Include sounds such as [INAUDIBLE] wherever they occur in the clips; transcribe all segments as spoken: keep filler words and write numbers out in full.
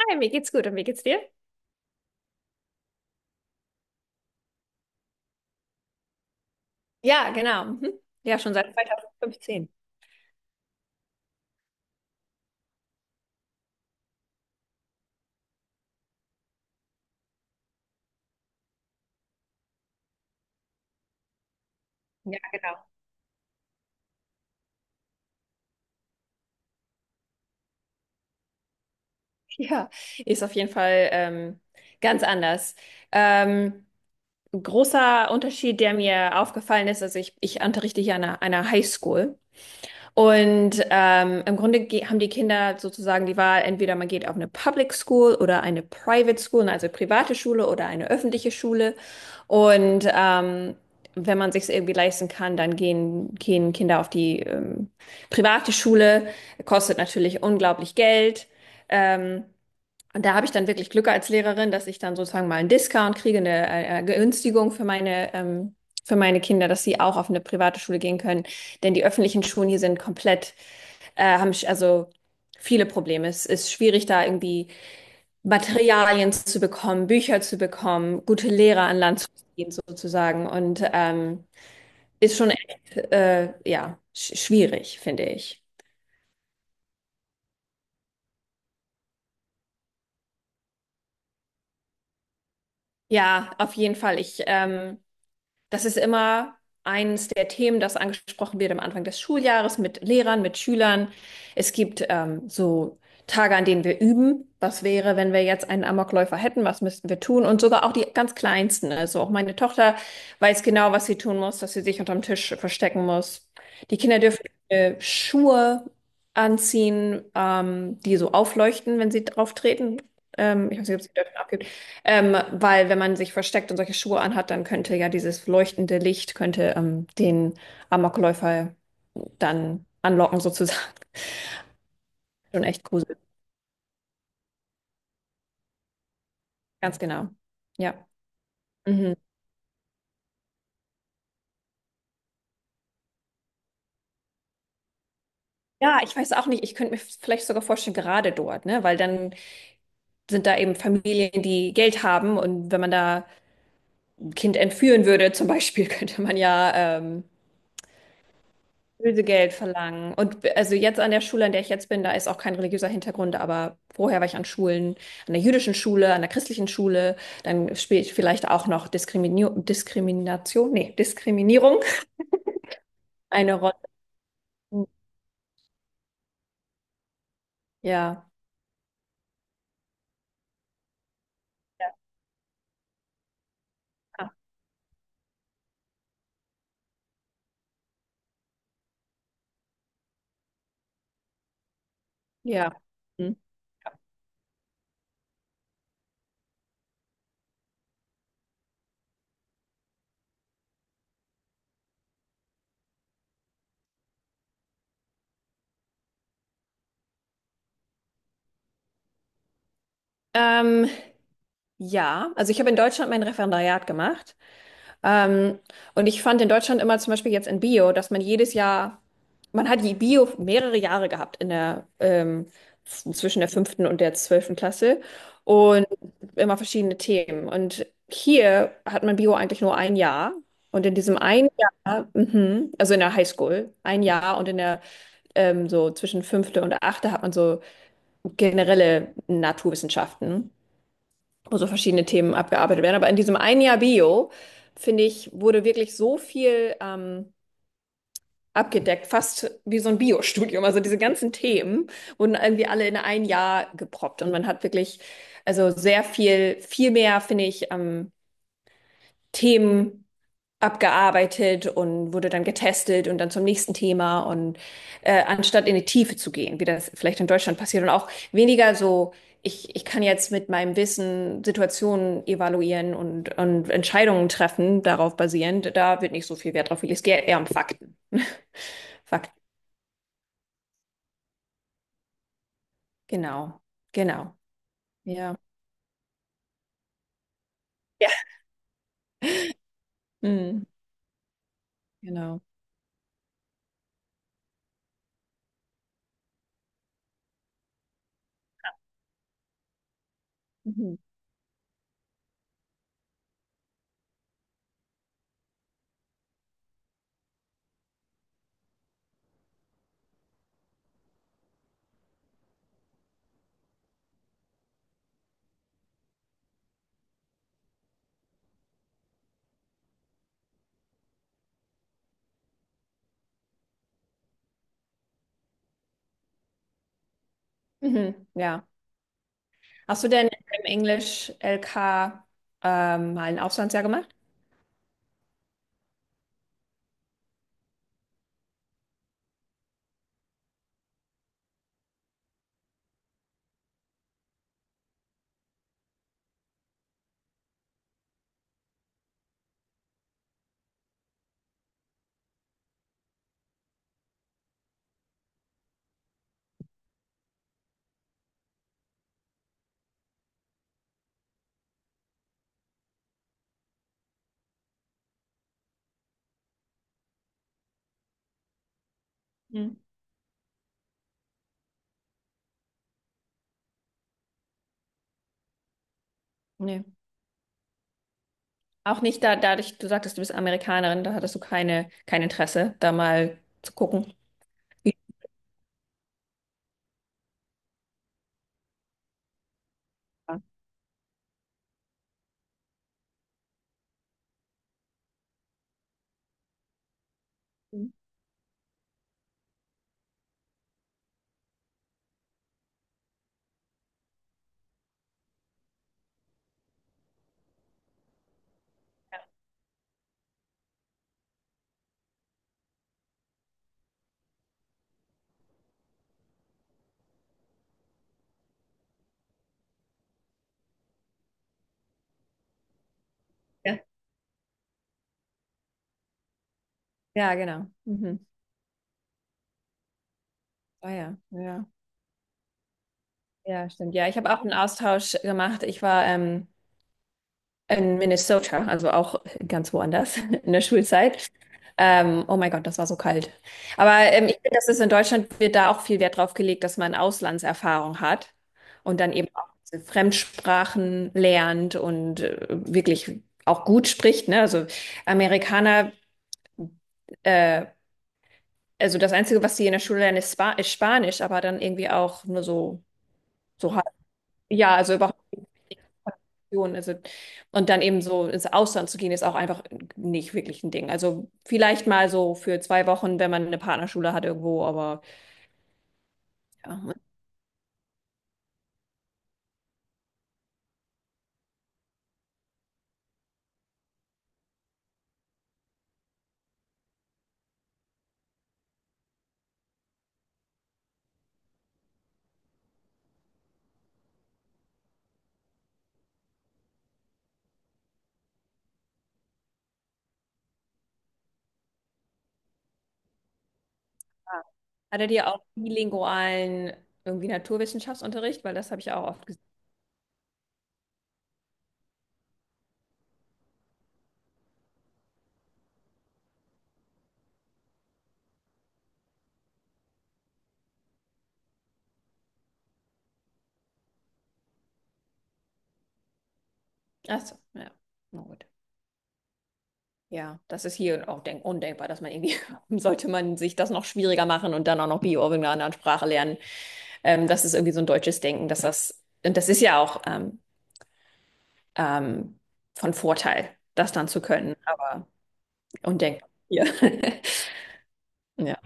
Hi, mir geht's gut und wie geht's dir? Ja, genau. Mhm. Ja, schon seit zwanzig fünfzehn. Ja, genau. Ja, ist auf jeden Fall ähm, ganz anders. Ähm, großer Unterschied, der mir aufgefallen ist, also ich, ich unterrichte hier an einer, einer Highschool. Und ähm, im Grunde ge- haben die Kinder sozusagen die Wahl, entweder man geht auf eine Public School oder eine Private School, ne, also private Schule oder eine öffentliche Schule. Und ähm, wenn man sich irgendwie leisten kann, dann gehen, gehen Kinder auf die ähm, private Schule. Kostet natürlich unglaublich Geld. Ähm, und da habe ich dann wirklich Glück als Lehrerin, dass ich dann sozusagen mal einen Discount kriege, eine, äh, Günstigung für meine, ähm, für meine Kinder, dass sie auch auf eine private Schule gehen können. Denn die öffentlichen Schulen hier sind komplett, äh, haben sch- also viele Probleme. Es ist schwierig, da irgendwie Materialien zu bekommen, Bücher zu bekommen, gute Lehrer an Land zu ziehen sozusagen. Und ähm, ist schon echt, äh, ja, sch schwierig, finde ich. Ja, auf jeden Fall. Ich, ähm, Das ist immer eines der Themen, das angesprochen wird am Anfang des Schuljahres mit Lehrern, mit Schülern. Es gibt ähm, so Tage, an denen wir üben. Was wäre, wenn wir jetzt einen Amokläufer hätten? Was müssten wir tun? Und sogar auch die ganz Kleinsten. Also auch meine Tochter weiß genau, was sie tun muss, dass sie sich unterm Tisch verstecken muss. Die Kinder dürfen äh, Schuhe anziehen, ähm, die so aufleuchten, wenn sie drauf treten. Ähm, ich weiß nicht, ob sie die dürfen abgibt. Ähm, weil wenn man sich versteckt und solche Schuhe anhat, dann könnte ja dieses leuchtende Licht könnte ähm, den Amokläufer dann anlocken sozusagen. [LAUGHS] Schon echt gruselig. Ganz genau. Ja. Mhm. Ja, ich weiß auch nicht. Ich könnte mir vielleicht sogar vorstellen, gerade dort, ne? Weil dann sind da eben Familien, die Geld haben und wenn man da ein Kind entführen würde, zum Beispiel, [LAUGHS] könnte man ja ähm, Lösegeld verlangen. Und b- also jetzt an der Schule, an der ich jetzt bin, da ist auch kein religiöser Hintergrund, aber vorher war ich an Schulen, an der jüdischen Schule, an der christlichen Schule, dann spielt vielleicht auch noch Diskrimini Diskrimination, nee, Diskriminierung eine Rolle. Hm. Ja. Ah, ja. Hm. Ähm, ja, also ich habe in Deutschland mein Referendariat gemacht. Ähm, und ich fand in Deutschland immer zum Beispiel jetzt in Bio, dass man jedes Jahr, man hat die Bio mehrere Jahre gehabt in der, ähm, z- zwischen der fünften und der zwölften Klasse und immer verschiedene Themen. Und hier hat man Bio eigentlich nur ein Jahr. Und in diesem einen Jahr, mhm, also in der Highschool, ein Jahr und in der ähm, so zwischen fünfte und achte hat man so generelle Naturwissenschaften, wo so verschiedene Themen abgearbeitet werden. Aber in diesem ein Jahr Bio, finde ich, wurde wirklich so viel ähm, abgedeckt, fast wie so ein Bio-Studium. Also diese ganzen Themen wurden irgendwie alle in ein Jahr geproppt und man hat wirklich, also sehr viel, viel mehr, finde ich, ähm, Themen abgearbeitet und wurde dann getestet und dann zum nächsten Thema und äh, anstatt in die Tiefe zu gehen, wie das vielleicht in Deutschland passiert und auch weniger so, ich, ich kann jetzt mit meinem Wissen Situationen evaluieren und, und Entscheidungen treffen, darauf basierend, da wird nicht so viel Wert drauf gelegt, es geht eher um Fakten. [LAUGHS] Fakten, genau, genau, ja. Ja. Mhm. Genau. Mhm. Mhm. Ja. Hast du denn im Englisch-L K ähm, mal ein Auslandsjahr gemacht? Mhm. Nee. Auch nicht da, dadurch, du sagtest, du bist Amerikanerin, da hattest du keine, kein Interesse, da mal zu gucken. Ja, ja, Ja, genau. Mhm. Ah, ja, ja. Ja, stimmt. Ja, ich habe auch einen Austausch gemacht. Ich war ähm, in Minnesota, also auch ganz woanders [LAUGHS] in der Schulzeit. Ähm, oh mein Gott, das war so kalt. Aber ähm, ich finde, das ist in Deutschland, wird da auch viel Wert drauf gelegt, dass man Auslandserfahrung hat und dann eben auch diese Fremdsprachen lernt und äh, wirklich auch gut spricht, ne? Also Amerikaner, äh, also das Einzige, was sie in der Schule lernen, ist, Spa ist Spanisch, aber dann irgendwie auch nur so, so halb. Ja, also überhaupt. Option, also, und dann eben so ins Ausland zu gehen, ist auch einfach nicht wirklich ein Ding. Also vielleicht mal so für zwei Wochen, wenn man eine Partnerschule hat irgendwo, aber ja. Und da Hattet ihr auch bilingualen irgendwie Naturwissenschaftsunterricht? Weil das habe ich auch oft gesehen. Achso, ja, na gut. Ja, das ist hier auch denk undenkbar, dass man irgendwie, [LAUGHS] sollte man sich das noch schwieriger machen und dann auch noch Bio in einer anderen Sprache lernen. Ähm, das ist irgendwie so ein deutsches Denken, dass das, und das ist ja auch ähm, ähm, von Vorteil, das dann zu können. Aber Und denkt, ja. [LAUGHS] Ja.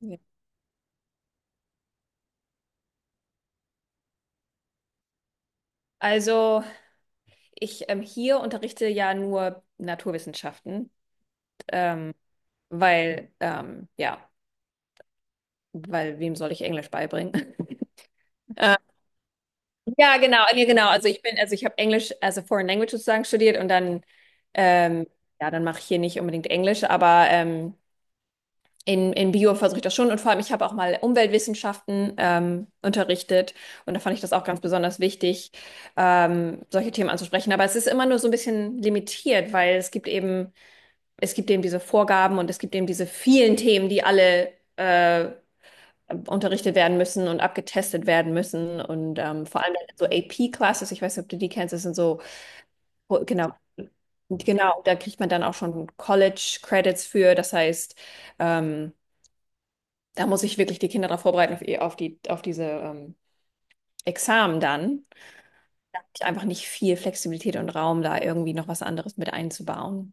Ja. Also ich ähm, hier unterrichte ja nur Naturwissenschaften, ähm, weil ähm, ja, weil wem soll ich Englisch beibringen? [LAUGHS] Äh, ja, genau, ja, genau. Also ich bin, also ich habe Englisch, also Foreign Language sozusagen studiert und dann ähm, ja, dann mache ich hier nicht unbedingt Englisch, aber ähm, In, in Bio versuche ich das schon und vor allem, ich habe auch mal Umweltwissenschaften ähm, unterrichtet und da fand ich das auch ganz besonders wichtig, ähm, solche Themen anzusprechen. Aber es ist immer nur so ein bisschen limitiert, weil es gibt eben, es gibt eben diese Vorgaben und es gibt eben diese vielen Themen, die alle äh, unterrichtet werden müssen und abgetestet werden müssen. Und ähm, vor allem so A P-Classes, ich weiß nicht, ob du die kennst, das sind so, genau, genau, da kriegt man dann auch schon College-Credits für. Das heißt, ähm, da muss ich wirklich die Kinder darauf vorbereiten, auf, die- auf, die, auf diese ähm, Examen dann. Ich einfach nicht viel Flexibilität und Raum, da irgendwie noch was anderes mit einzubauen.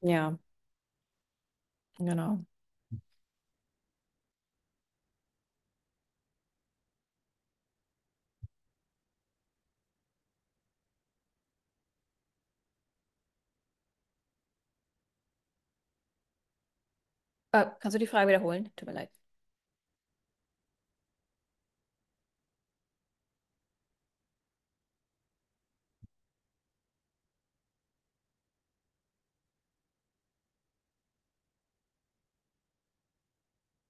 Ja, genau. Äh, kannst du die Frage wiederholen? Tut mir leid.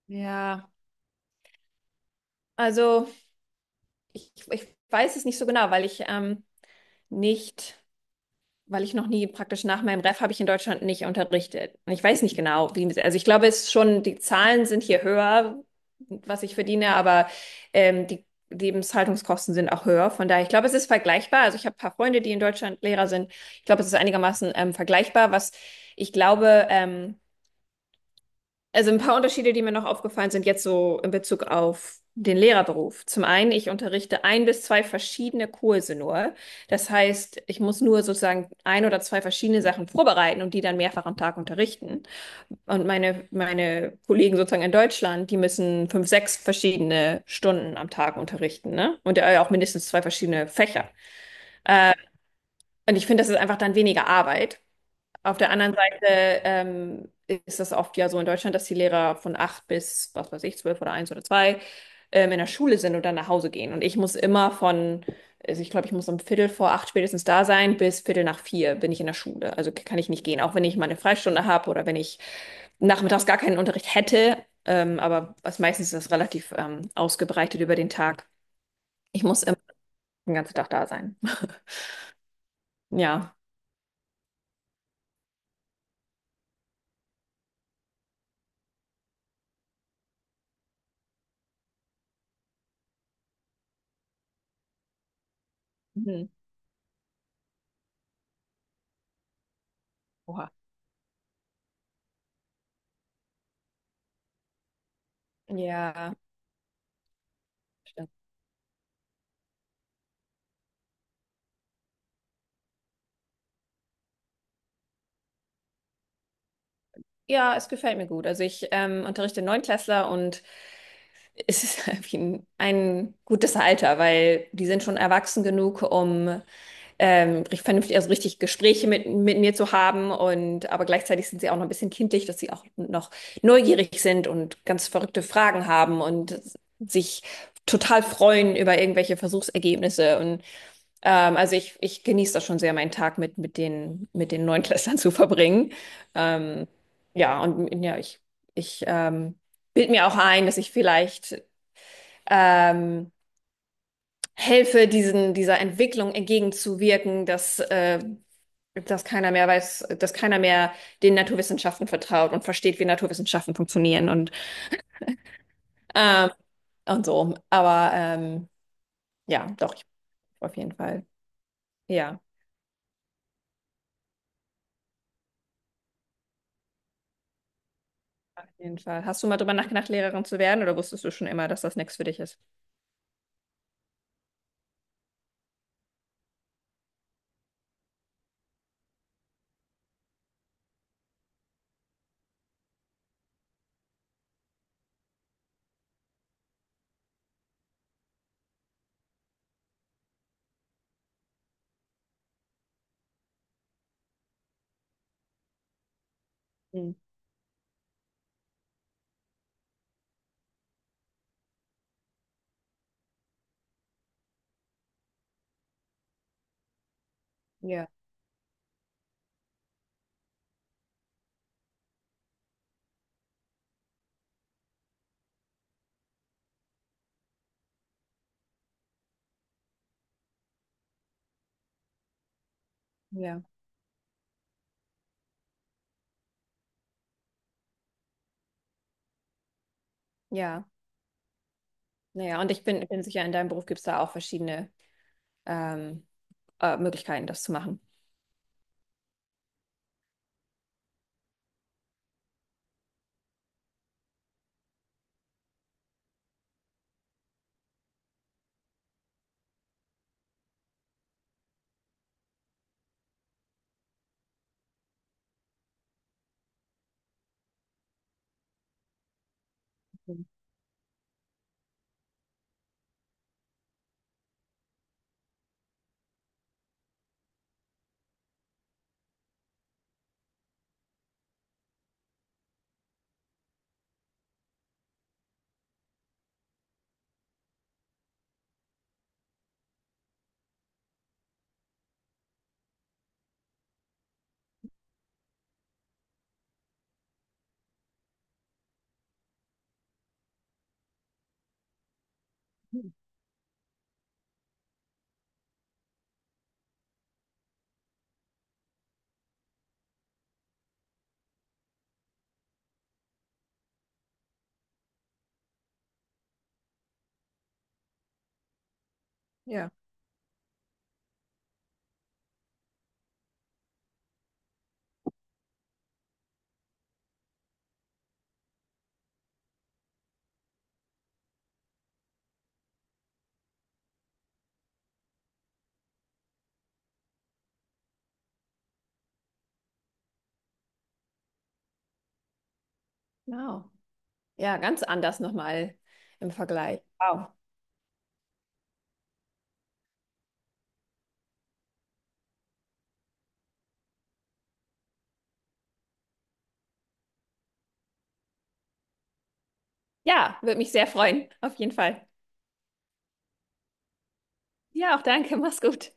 Ja, Also, ich, ich weiß es nicht so genau, weil ich ähm, nicht, weil ich noch nie praktisch nach meinem Ref habe ich in Deutschland nicht unterrichtet. Und ich weiß nicht genau, wie, also ich glaube, es ist schon, die Zahlen sind hier höher, was ich verdiene, aber ähm, die Lebenshaltungskosten sind auch höher. Von daher, ich glaube, es ist vergleichbar. Also ich habe ein paar Freunde, die in Deutschland Lehrer sind. Ich glaube, es ist einigermaßen ähm, vergleichbar. Was ich glaube, ähm, also ein paar Unterschiede, die mir noch aufgefallen sind, jetzt so in Bezug auf den Lehrerberuf. Zum einen, ich unterrichte ein bis zwei verschiedene Kurse nur. Das heißt, ich muss nur sozusagen ein oder zwei verschiedene Sachen vorbereiten und die dann mehrfach am Tag unterrichten. Und meine, meine Kollegen sozusagen in Deutschland, die müssen fünf, sechs verschiedene Stunden am Tag unterrichten, ne? Und äh, auch mindestens zwei verschiedene Fächer. Und ich finde, das ist einfach dann weniger Arbeit. Auf der anderen Seite ähm, ist das oft ja so in Deutschland, dass die Lehrer von acht bis, was weiß ich, zwölf oder eins oder zwei ähm, in der Schule sind und dann nach Hause gehen. Und ich muss immer von, also ich glaube, ich muss um Viertel vor acht spätestens da sein, bis Viertel nach vier bin ich in der Schule. Also kann ich nicht gehen, auch wenn ich meine Freistunde habe oder wenn ich nachmittags gar keinen Unterricht hätte. Ähm, aber was meistens ist, das relativ ähm, ausgebreitet über den Tag. Ich muss immer den ganzen Tag da sein. [LAUGHS] Ja. Mhm. Oha. Ja. Ja, es gefällt mir gut. Also ich ähm, unterrichte Neunklässler und es ist [LAUGHS] irgendwie ein, ein gutes Alter, weil die sind schon erwachsen genug, um ähm, ri- vernünftig, also richtig Gespräche mit, mit mir zu haben und aber gleichzeitig sind sie auch noch ein bisschen kindlich, dass sie auch noch neugierig sind und ganz verrückte Fragen haben und sich total freuen über irgendwelche Versuchsergebnisse. Ähm, also ich, ich genieße das schon sehr, meinen Tag mit, mit den, mit den Neunklässlern [LAUGHS] zu verbringen. Ähm, ja, und ja, ich, ich ähm, bild mir auch ein, dass ich vielleicht ähm, helfe, diesen, dieser Entwicklung entgegenzuwirken, dass, äh, dass keiner mehr weiß, dass keiner mehr den Naturwissenschaften vertraut und versteht, wie Naturwissenschaften funktionieren und, ähm, und so. Aber ähm, ja, doch, ich auf jeden Fall. Ja. Auf jeden Fall. Hast du mal drüber nachgedacht, Lehrerin zu werden oder wusstest du schon immer, dass das nichts für dich ist? Hm. Ja, ja, ja. Naja, und ich bin, bin sicher, in deinem Beruf gibt es da auch verschiedene ähm, äh, Möglichkeiten, das zu machen. Mhm. Ja, genau. Ja, ganz anders nochmal im Vergleich. Wow. Ja, würde mich sehr freuen, auf jeden Fall. Ja, auch danke. Mach's gut.